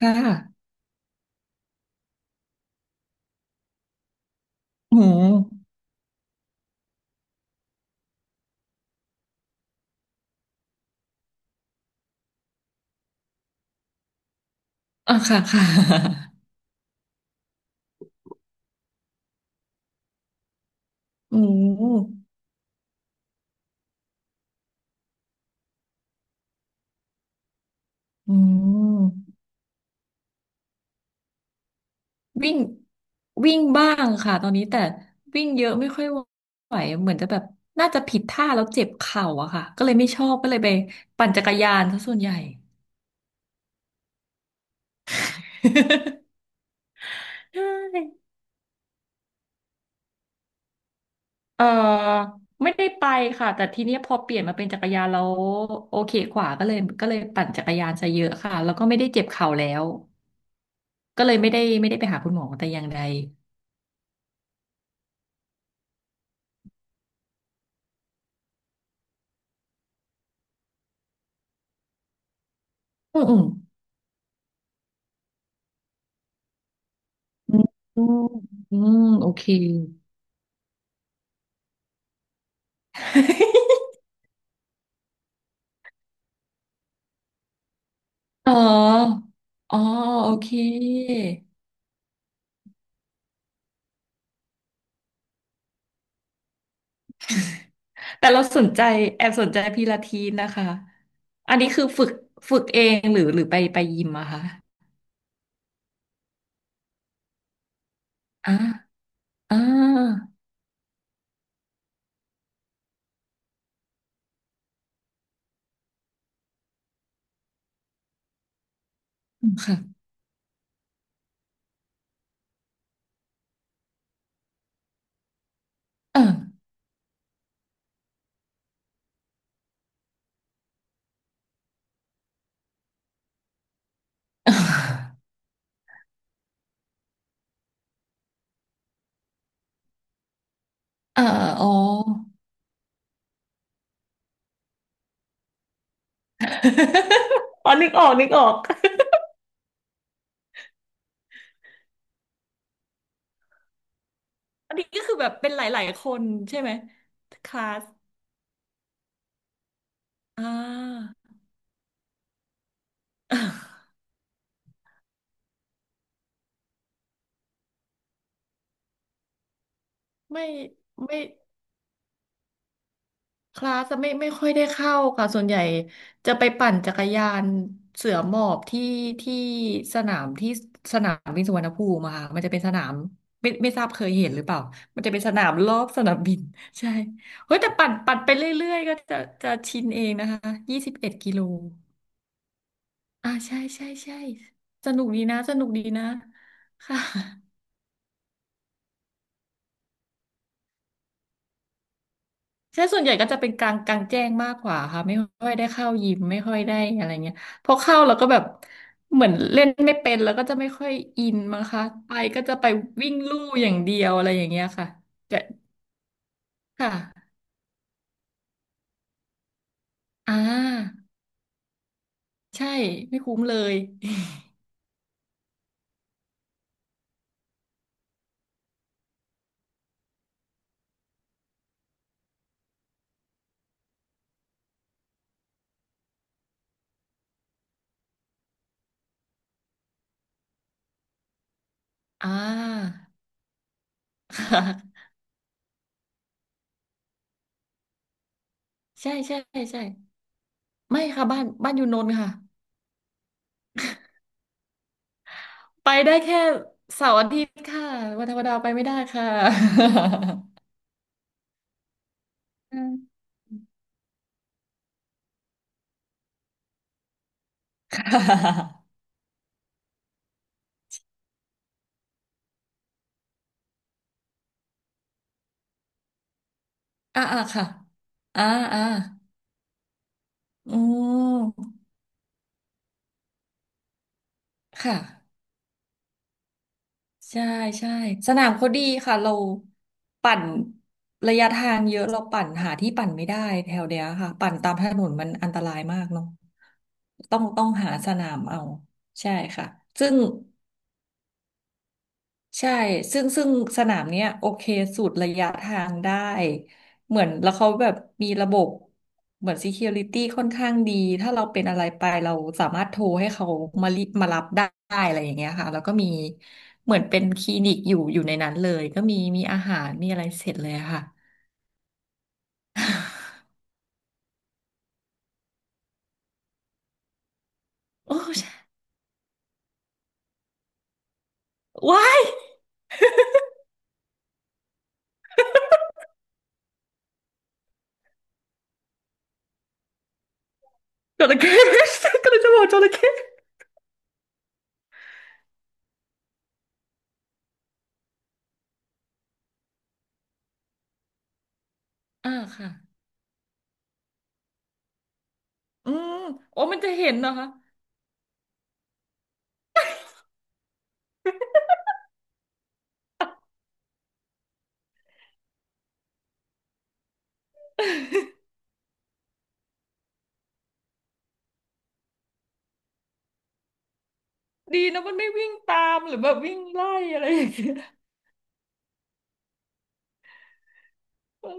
ค่ะโหมูอ่ะค่ะค่ะ หมูอืมวิ่งวิ่งบ้างค่ะตอนนี้แต่วิ่งเยอะไม่ค่อยไหวเหมือนจะแบบน่าจะผิดท่าแล้วเจ็บเข่าอะค่ะก็เลยไม่ชอบก็เลยไปปั่นจักรยานซะส่วนใหญ่ ใช่เออไม่ได้ไปค่ะแต่ทีเนี้ยพอเปลี่ยนมาเป็นจักรยานแล้วโอเคกว่าก็เลยปั่นจักรยานซะเยอะค่ะแล้วก็ไม่ได้เจ็บเข่าแล้วก็เลยไม่ได้ไปหาคุณหมอแต่อย่างใดอืมอืม อืมอืมโอเคอ๋ออ๋อโอเคแต่เราสนใจแอบสนใจพิลาทิสนะคะอันนี้คือฝึกฝึกเองหรือหรือไปไปยิมอะคะอ่าอ่าอืมค่ะเออ เออเอออ๋อ อ๋อนึกออกนึกออกอันนี้ก็คือแบบเป็นหลายๆคนใช่ไหมคลาสอ่า ไม่ไม่ คลาสไม่ค่อยได้เข้าค่ะส่วนใหญ่จะไปปั่นจักรยานเสือหมอบที่ที่สนามที่สนามบินสุวรรณภูมิอะค่ะมันจะเป็นสนามไม่ทราบเคยเห็นหรือเปล่า มันจะเป็นสนามรอบสนามบิน ใช่เฮ้ยแต่ปั่นปั่นไปเรื่อยๆก็จะจะชินเองนะคะ21 กิโลอ่าใช่ใช่ใช่สนุกดีนะสนุกดีนะค่ะ ใช่ส่วนใหญ่ก็จะเป็นกลางกลางแจ้งมากกว่าค่ะไม่ค่อยได้เข้ายิมไม่ค่อยได้อะไรเงี้ยพอเข้าเราก็แบบเหมือนเล่นไม่เป็นแล้วก็จะไม่ค่อยอินมั้งคะไปก็จะไปวิ่งลู่อย่างเดียวอะไรอย่างเงี้ยค่ะแต่ค่ะอ่าใช่ไม่คุ้มเลย อ่า ค่ะใช่ใช่ใช่ไม่ค่ะบ้านบ้านอยู่นนท์ค่ะไปได้แค่เสาร์อาทิตย์ค่ะวันธรรมดาไปไม่ได้ค่ะ ค่ะ อ่าอ่าค่ะ อ่าอ่าอืม ค่ะ ใช่ใช่สนามเขาดีค่ะเราปั่นระยะทางเยอะเราปั่นหาที่ปั่นไม่ได้แถวเดียวค่ะปั่นตามถนนมันอันตรายมากเนาะต้องหาสนามเอา ใช่ค่ะซึ่ง ใช่ ซึ่งสนามเนี้ยโอเคสูตรระยะทางได้ เหมือนแล้วเขาแบบมีระบบเหมือน security ค่อนข้างดี ถ้าเราเป็นอะไรไปเราสามารถโทรให้เขามารีมารับได้อะไรอย่างเงี้ยค่ะ แล้วก็มีเหมือนเป็นคลินิกอยู่ในนั้นเลย ก็มีอาหารมีอะไรเสร็จเลยอะค่ะ โอ้ใช่ว้ายจระเข้ ก็เลยจะบอกจระเข้อ่าค่ะ อืมโอ้มันจะเห็นเหรอคะ ดีนะมันไม่วิ่งตามหรือแบบวิ่งไล่อะไรอย่างเงี้ยอื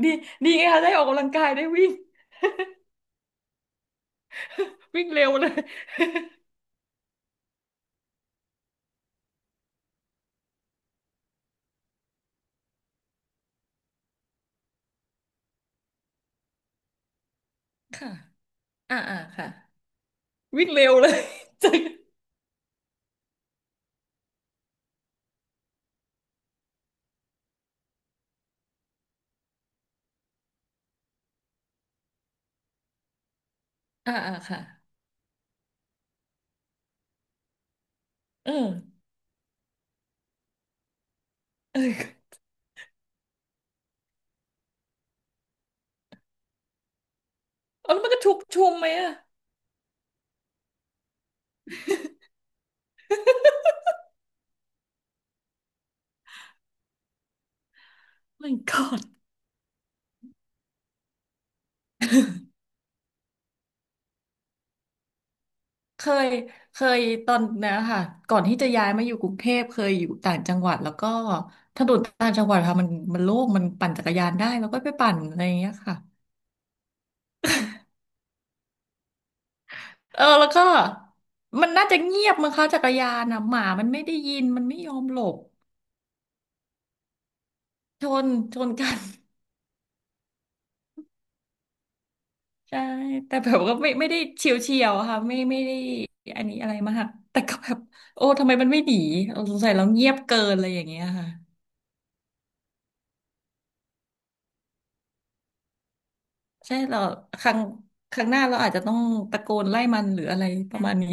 ม ดีดีไงคะได้ออกกำลังกายได้วิ่งวิ่งเร็วเลยค่ะอ่าอ่าค่ะวิ่งเร็วเลยจริงอ่าอ่าค่ะเออเออเอาแล้วมันก็ชุกชุมไหมอะ my god เคยเคยตอนนะค่ะก่อนที่จะย้ายมาอยู่กรุงเทพเคยอยู่ต่างจังหวัดแล้วก็ถนนต่างจังหวัดค่ะมันมันโล่งมันปั่นจักรยานได้แล้วก็ไปปั่นอะไรอย่างเงี้ยค่ะ เออแล้วก็มันน่าจะเงียบมั้งคะจักรยานอ่ะหมามันไม่ได้ยินมันไม่ยอมหลบชนชนกัน ใช่แต่แบบก็ไม่ไม่ได้เฉียวเฉียวค่ะไม่ไม่ได้อันนี้อะไรมากแต่ก็แบบโอ้ทำไมมันไม่หนีเออสงสัยเราเงียบเกินอะไรอย่างเงี้ยค่ะใช่เราครั้งครั้งหน้าเราอาจจะต้องตะโกนไล่มันหรืออะไรประมาณนี้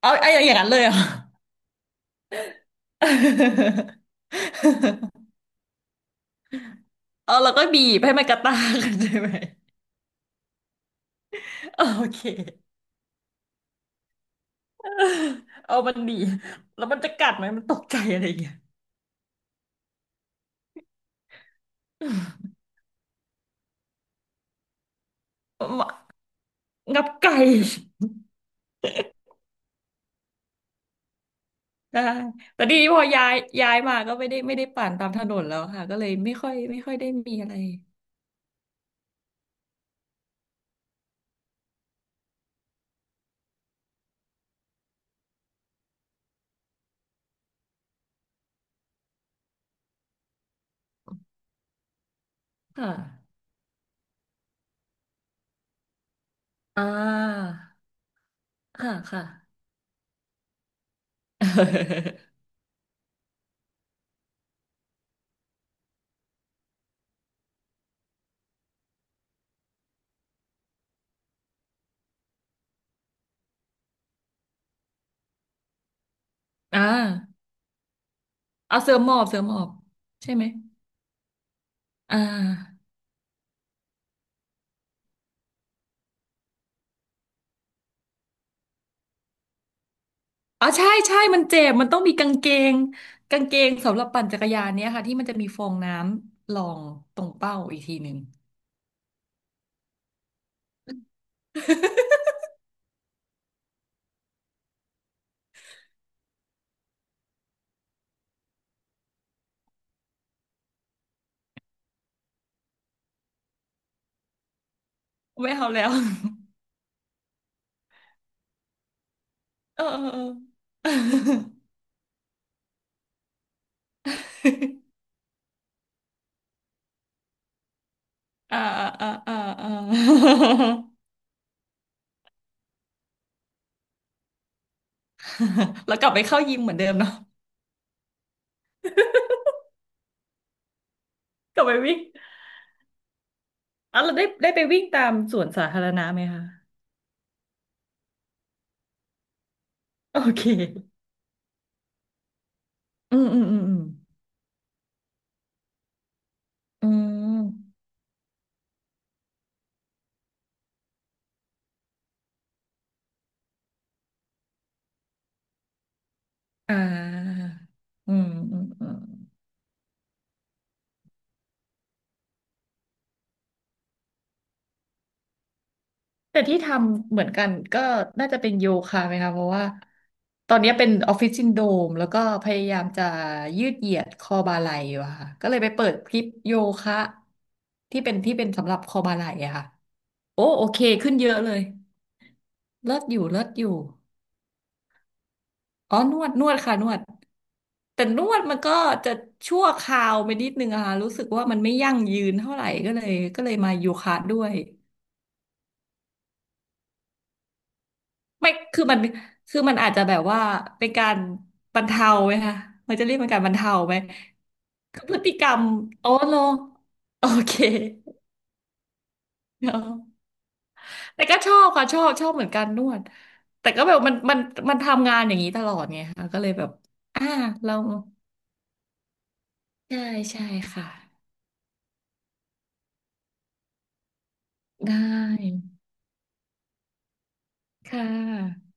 เอาไอ้อย่างนั้นเลยเหรอ เออแล้วก็บีบให้มันกระตากกัน ใช่ไหมโอเค เอามันหนีแล้วมันจะกัดไหมมันตกใจอะไรอย่างเงี้ย งับไก่ ได้แต่ทีนี้พอย้ายย้ายมาก็ไม่ได้ปั่นตามถนนแล้วค่ะก็เลยไม่ค่อยได้มีอะไรค่ะอ่าค่ะค่ะ อ่าเอาเสื้อหมอบเสื้อหมอบใช่ไหมอ่าอ๋อใช่ใช่มันเจ็บมันต้องมีกางเกงกางเกงสำหรับปั่นจักรยานเนี้ยค่ะที่มันจะมีฟองน้ำรองตรงเป้าอีกทีหนึ่ง ไม่เอาแล้ว เออเออเออ อ่าอ่าอ่าอ่า แล้วกลับไปเข้ายิมเหมือนเดิมเนาะกลับไปวิ่งอ่ะเราได้ได้ไปวิ่งตามสวนสาธารณะไหมคะโอเคอืมอืมอืมอืมอืมอ่าอืมอืมอืม แต่ที่ทำเหมือนกันก็น่าจะเป็นโยคะไหมคะเพราะว่าตอนนี้เป็นออฟฟิศซินโดรมแล้วก็พยายามจะยืดเหยียดคอบ่าไหล่อยู่อะค่ะก็เลยไปเปิดคลิปโยคะที่เป็นที่เป็นสำหรับคอบ่าไหล่อะค่ะโอ้โอเคขึ้นเยอะเลยเลิศอยู่เลิศอยู่อ๋อนวดนวดค่ะนวดแต่นวดมันก็จะชั่วคราวไปนิดนึงอะค่ะรู้สึกว่ามันไม่ยั่งยืนเท่าไหร่ก็เลยมาโยคะด้วย ไม่คือมันคือมันอาจจะแบบว่าเป็นการบรรเทาไหมคะมันจะเรียกเป็นการบรรเทาไหมคือพฤติกรรมโอ้โลโอเคเนาะแต่ก็ชอบค่ะชอบชอบเหมือนกันนวดแต่ก็แบบมันมันมันทำงานอย่างนี้ตลอดไงค่ะก็เลยแบบอ่าเราใช่ใช่ค่ะได้ค่ะ